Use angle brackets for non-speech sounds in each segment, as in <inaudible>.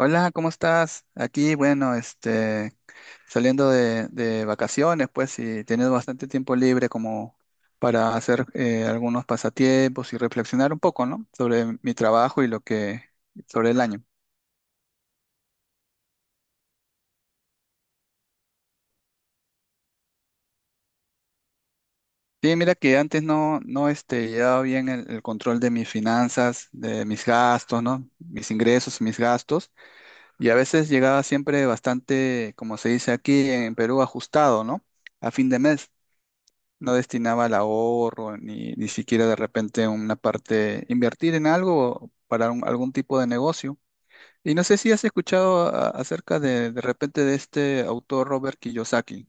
Hola, ¿cómo estás? Aquí, bueno, saliendo de vacaciones, pues, y teniendo bastante tiempo libre como para hacer algunos pasatiempos y reflexionar un poco, ¿no? Sobre mi trabajo y lo que, sobre el año. Sí, mira que antes no, llevaba bien el control de mis finanzas, de mis gastos, ¿no? Mis ingresos y mis gastos, y a veces llegaba siempre bastante, como se dice aquí en Perú, ajustado, ¿no? A fin de mes. No destinaba al ahorro, ni siquiera de repente una parte, invertir en algo para algún tipo de negocio. Y no sé si has escuchado acerca de repente de este autor Robert Kiyosaki.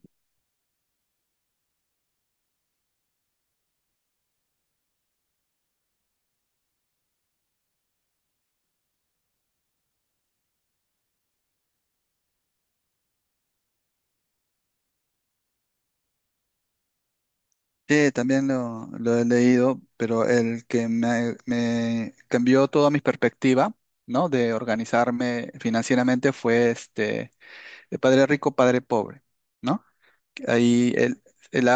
Sí, también lo he leído, pero el que me cambió toda mi perspectiva, ¿no? De organizarme financieramente fue de Padre Rico, Padre Pobre, ¿no? Ahí él, él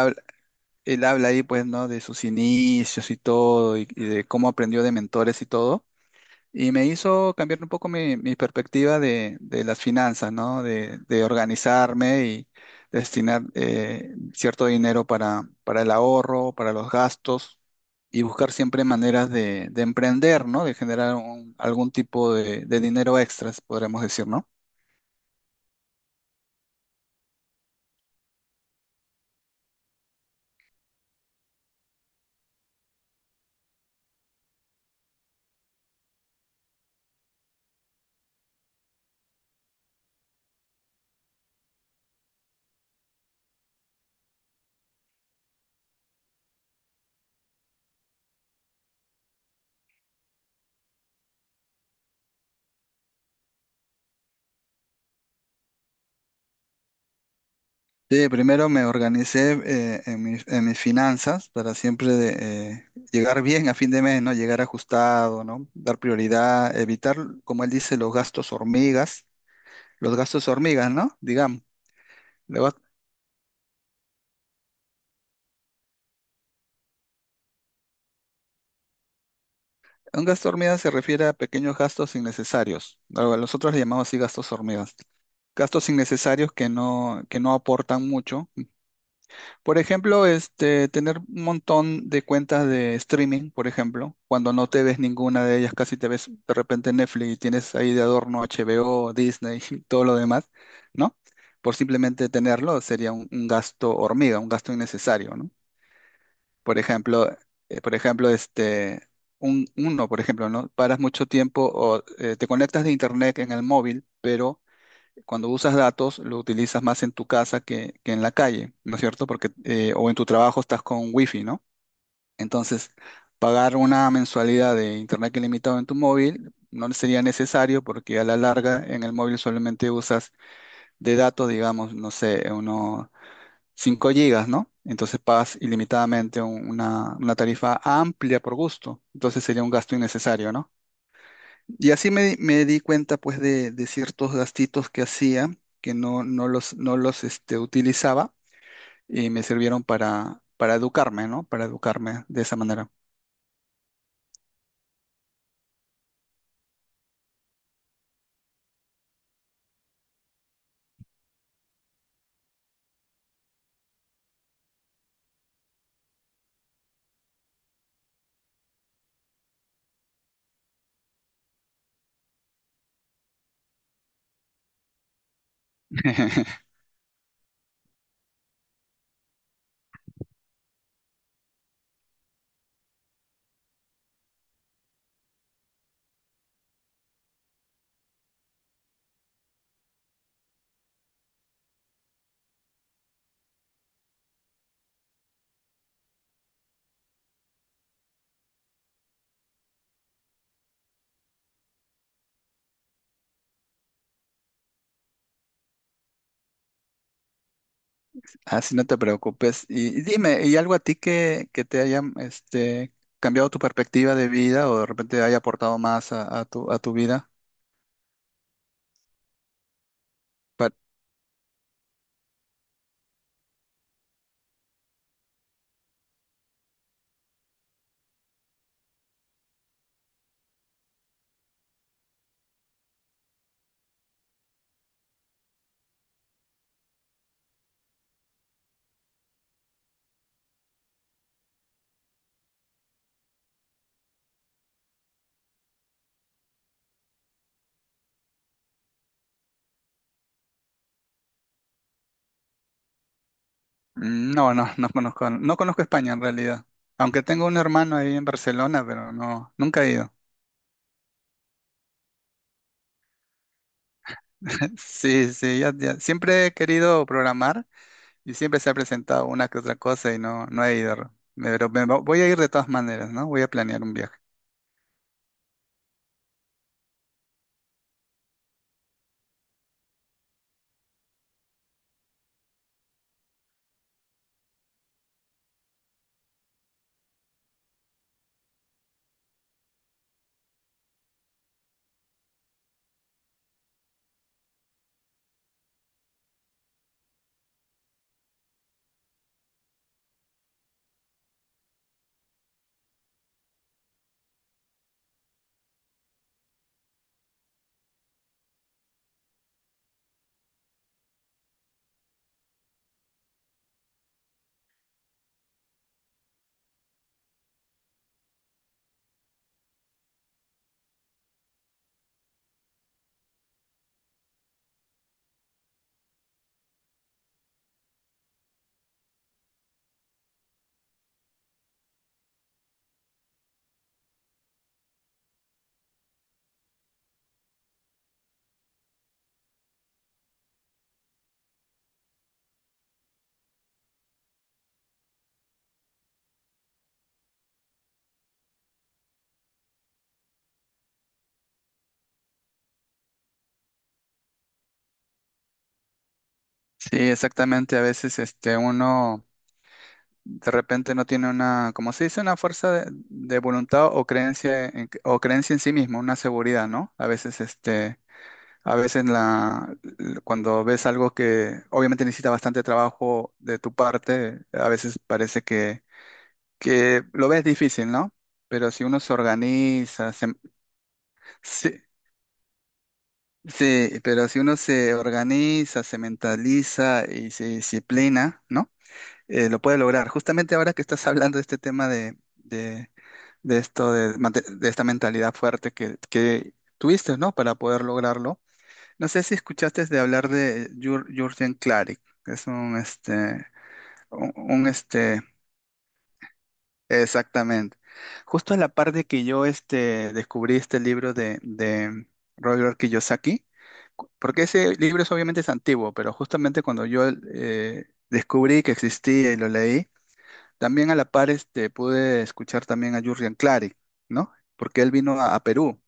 habla ahí, pues, ¿no? De sus inicios y todo, y de cómo aprendió de mentores y todo. Y me hizo cambiar un poco mi perspectiva de las finanzas, ¿no? De organizarme y destinar cierto dinero para el ahorro, para los gastos y buscar siempre maneras de emprender, ¿no? De generar algún tipo de dinero extras, podremos decir, ¿no? Sí, primero me organicé en en mis finanzas para siempre de, llegar bien a fin de mes, ¿no? Llegar ajustado, ¿no? Dar prioridad, evitar, como él dice, los gastos hormigas, ¿no? Digamos, le va- un gasto hormiga se refiere a pequeños gastos innecesarios. Algo... Nosotros le llamamos así gastos hormigas. Gastos innecesarios que que no aportan mucho. Por ejemplo, tener un montón de cuentas de streaming, por ejemplo, cuando no te ves ninguna de ellas, casi te ves de repente Netflix y tienes ahí de adorno HBO, Disney <laughs> y todo lo demás, ¿no? Por simplemente tenerlo sería un gasto hormiga, un gasto innecesario, ¿no? Por ejemplo, eh, por ejemplo, este, uno, por ejemplo, ¿no? Paras mucho tiempo o te conectas de internet en el móvil, pero cuando usas datos, lo utilizas más en tu casa que en la calle, ¿no es cierto? Porque, o en tu trabajo estás con wifi, ¿no? Entonces, pagar una mensualidad de internet ilimitado en tu móvil no sería necesario porque a la larga en el móvil solamente usas de datos, digamos, no sé, unos 5 gigas, ¿no? Entonces pagas ilimitadamente una tarifa amplia por gusto. Entonces sería un gasto innecesario, ¿no? Y así me di cuenta pues de ciertos gastitos que hacía, que no los utilizaba y me sirvieron para educarme, ¿no? Para educarme de esa manera. <laughs> Así no te preocupes. Y dime, ¿y algo a ti que te haya cambiado tu perspectiva de vida o de repente haya aportado más a tu vida? Pa- no, no conozco, no conozco España en realidad. Aunque tengo un hermano ahí en Barcelona, pero no, nunca he ido. <laughs> Sí, sí, ya, ya. Siempre he querido programar y siempre se ha presentado una que otra cosa y no, no he ido. Pero voy a ir de todas maneras, ¿no? Voy a planear un viaje. Sí, exactamente. A veces uno de repente no tiene una, como se dice, una fuerza de voluntad o creencia en sí mismo, una seguridad, ¿no? A veces a veces la, cuando ves algo que obviamente necesita bastante trabajo de tu parte, a veces parece que lo ves difícil, ¿no? Pero si uno se organiza, se- sí, pero si uno se organiza, se mentaliza y se disciplina, ¿no? Lo puede lograr. Justamente ahora que estás hablando de este tema de esto, de, mante- de esta mentalidad fuerte que tuviste, ¿no? Para poder lograrlo. No sé si escuchaste de hablar de Jürgen Klarik, que es un, este, exactamente. Justo en la parte que yo descubrí este libro de Robert Kiyosaki, porque ese libro es obviamente es antiguo, pero justamente cuando yo descubrí que existía y lo leí, también a la par pude escuchar también a Jurrian Clary, ¿no? Porque él vino a Perú.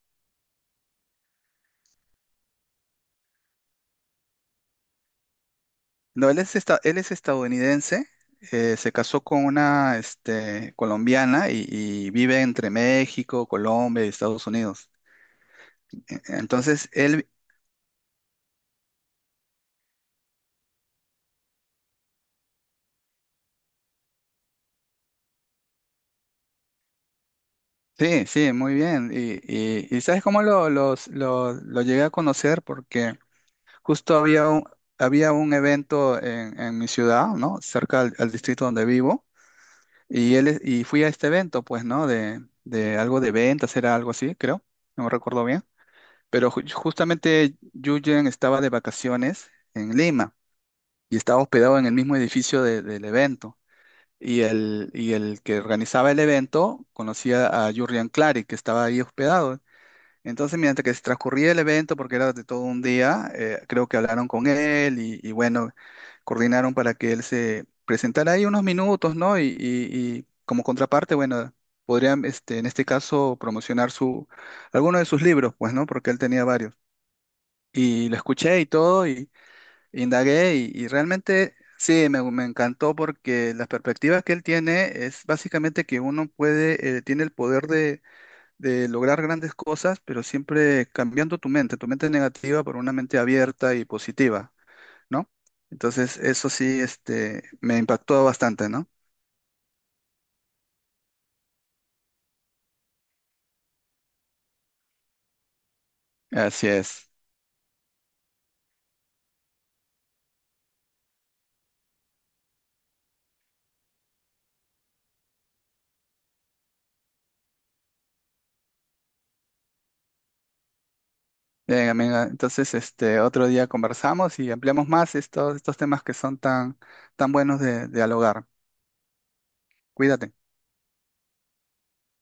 No, él es, él es estadounidense, se casó con una colombiana y vive entre México, Colombia y Estados Unidos. Entonces, él, sí, sí, muy bien. Y ¿sabes cómo lo llegué a conocer? Porque justo había había un evento en mi ciudad, ¿no? Cerca al distrito donde vivo. Y él, y fui a este evento, pues, ¿no? De algo de ventas, era algo así, creo. No me recuerdo bien. Pero justamente Yuyen estaba de vacaciones en Lima y estaba hospedado en el mismo edificio del evento. Y el que organizaba el evento conocía a Jurrian Clary, que estaba ahí hospedado. Entonces, mientras que se transcurría el evento, porque era de todo un día, creo que hablaron con él y bueno, coordinaron para que él se presentara ahí unos minutos, ¿no? Y como contraparte, bueno, podrían, en este caso, promocionar alguno de sus libros, pues, ¿no? Porque él tenía varios. Y lo escuché y todo, y indagué, y realmente sí, me encantó porque las perspectivas que él tiene es básicamente que uno puede, tiene el poder de lograr grandes cosas, pero siempre cambiando tu mente negativa por una mente abierta y positiva, ¿no? Entonces, eso sí, me impactó bastante, ¿no? Así es. Venga, venga, entonces, otro día conversamos y ampliamos más estos temas que son tan, tan buenos de dialogar. Cuídate.